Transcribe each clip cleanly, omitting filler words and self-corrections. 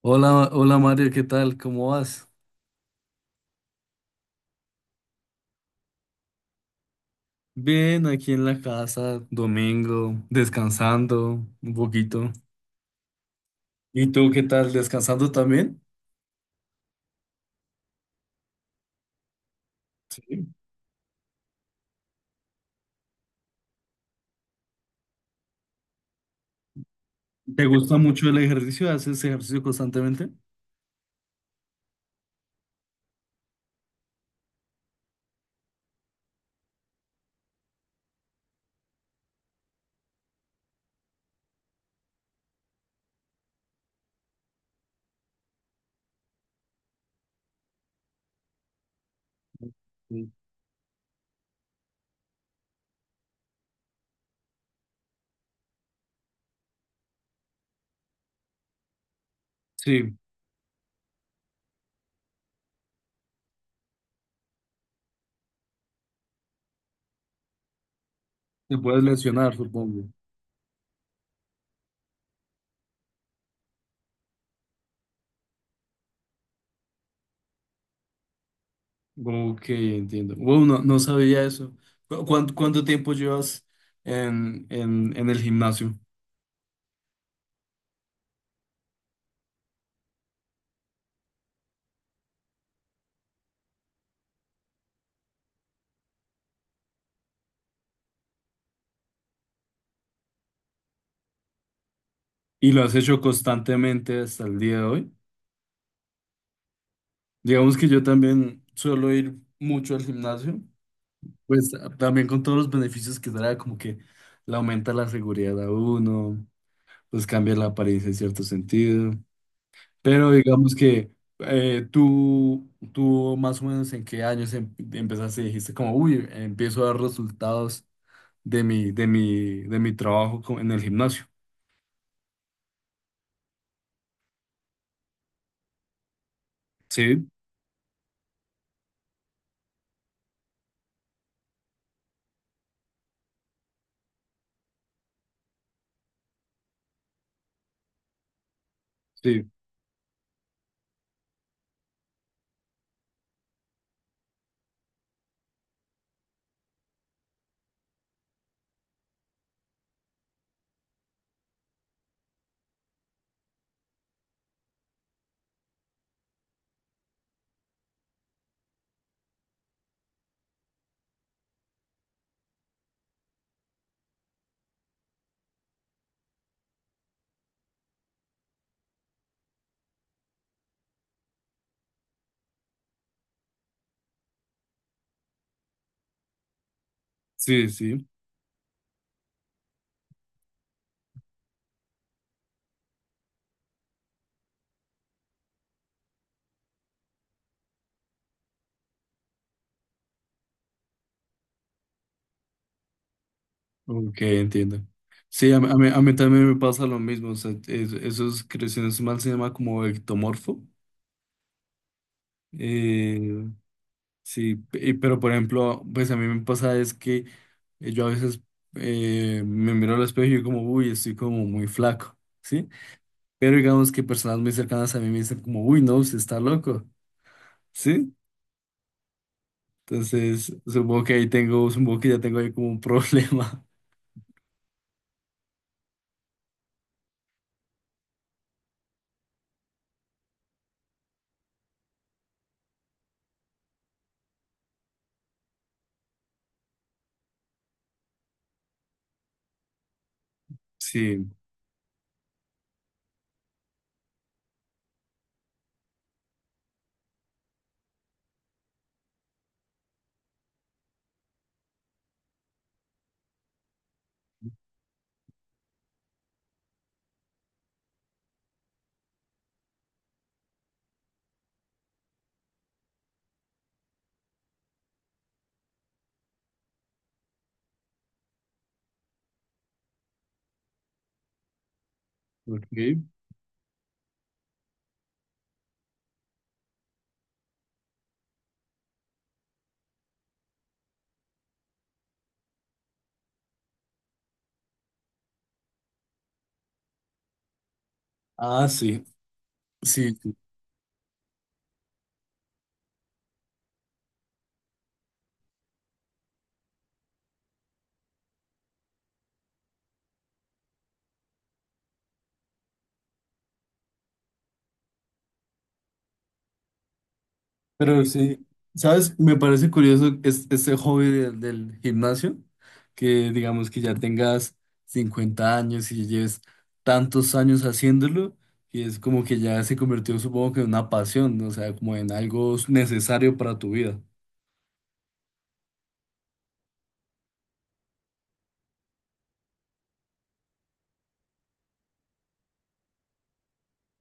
Hola, hola Mario, ¿qué tal? ¿Cómo vas? Bien, aquí en la casa, domingo, descansando un poquito. ¿Y tú qué tal? ¿Descansando también? Sí. ¿Te gusta mucho el ejercicio? ¿Haces ejercicio constantemente? Sí. Sí, te puedes lesionar, supongo. Ok, entiendo. Bueno, no, no sabía eso. ¿Cuánto tiempo llevas en el gimnasio? ¿Y lo has hecho constantemente hasta el día de hoy? Digamos que yo también suelo ir mucho al gimnasio. Pues también con todos los beneficios que trae, como que le aumenta la seguridad a uno, pues cambia la apariencia en cierto sentido. Pero digamos que tú más o menos en qué años empezaste y dijiste como, uy, empiezo a dar resultados de mi trabajo en el gimnasio. Sí, sí, sí, sí. Ok, entiendo. Sí, a mí también me pasa lo mismo. O sea, esos creaciones mal se llama como ectomorfo. eh, Sí, pero por ejemplo, pues a mí me pasa es que yo a veces me miro al espejo y yo como, uy, estoy como muy flaco, ¿sí? Pero digamos que personas muy cercanas a mí me dicen como, uy, no, usted está loco, ¿sí? Entonces, supongo que ahí tengo, supongo que ya tengo ahí como un problema. Sí, ok. Ah, sí, sí. Sí. Pero sí, ¿sabes? Me parece curioso es, este hobby del gimnasio, que digamos que ya tengas 50 años y lleves tantos años haciéndolo, y es como que ya se convirtió, supongo que en una pasión, ¿no? O sea, como en algo necesario para tu vida.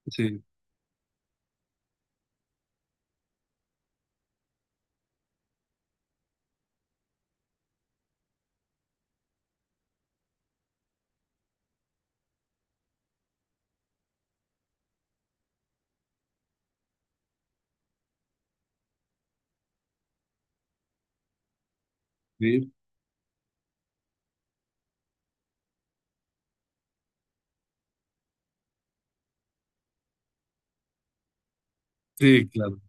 Sí, sí, sí, claro,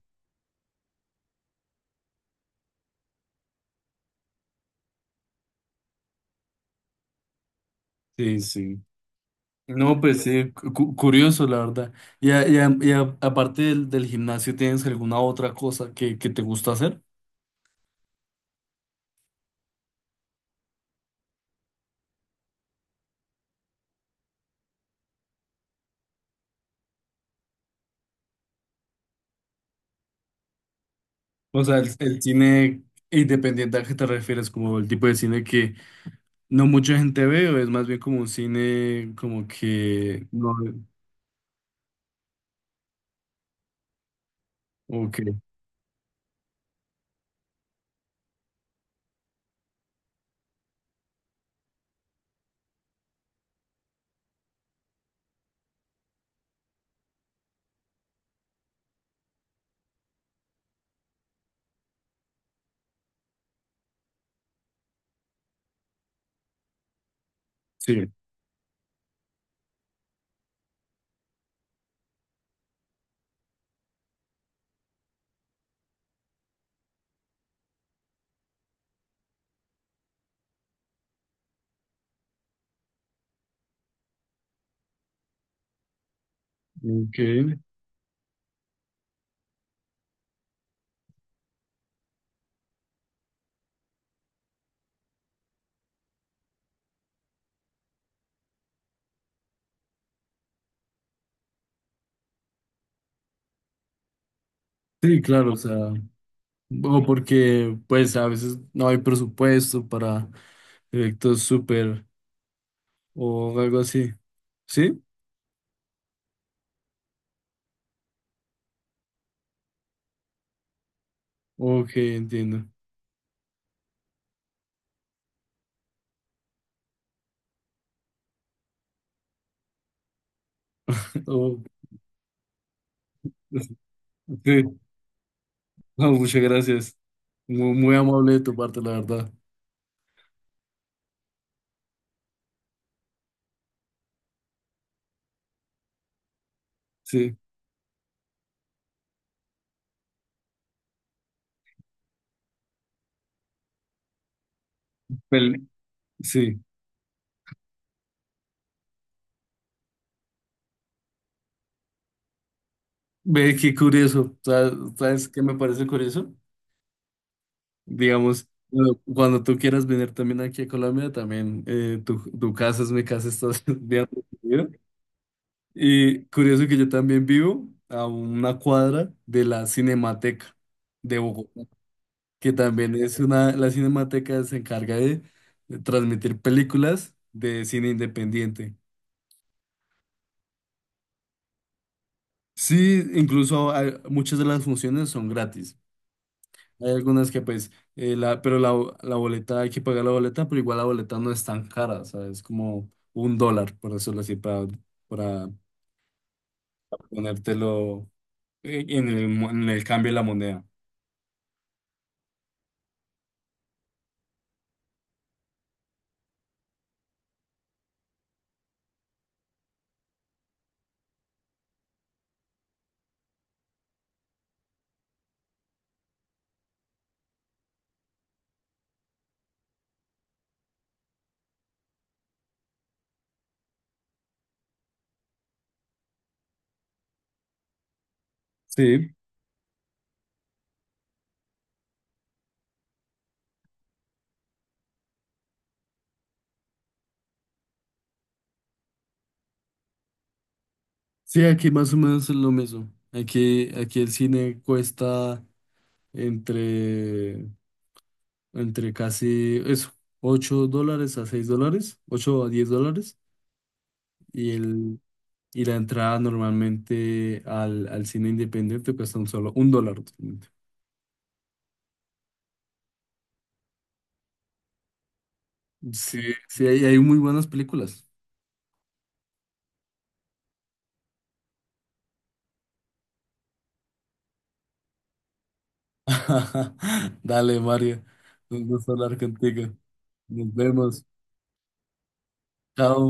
sí, sí. No, pues sí, curioso, la verdad. Aparte del gimnasio, ¿tienes alguna otra cosa que te gusta hacer? O sea, el cine independiente a qué te refieres, como el tipo de cine que no mucha gente ve, o es más bien como un cine como que no, ok, sí, ok, sí, claro, o sea, o porque pues a veces no hay presupuesto para efectos súper o algo así, ¿sí? Ok, entiendo. Oh, sí, no, muchas gracias. Muy, muy amable de tu parte, la verdad. Sí, pel- sí. Ve, qué curioso. ¿Sabes, sabes qué me parece curioso? Digamos, bueno, cuando tú quieras venir también aquí a Colombia, también tu casa es mi casa, estás bien recibido. Y curioso que yo también vivo a una cuadra de la Cinemateca de Bogotá, que también es una, la Cinemateca se encarga de, transmitir películas de cine independiente. Sí, incluso muchas de las funciones son gratis. Hay algunas que pues, la boleta, hay que pagar la boleta, pero igual la boleta no es tan cara, o sea, es como $1, por decirlo así, para ponértelo en el cambio de la moneda. Sí, sí, aquí más o menos es lo mismo. Aquí el cine cuesta entre, entre casi eso, $8 a $6, $8 a $10, y el y la entrada normalmente al cine independiente cuesta un solo un dólar, usualmente. Sí, sí, hay muy buenas películas. Dale, Mario. Un gusto hablar contigo. Nos vemos. Chao.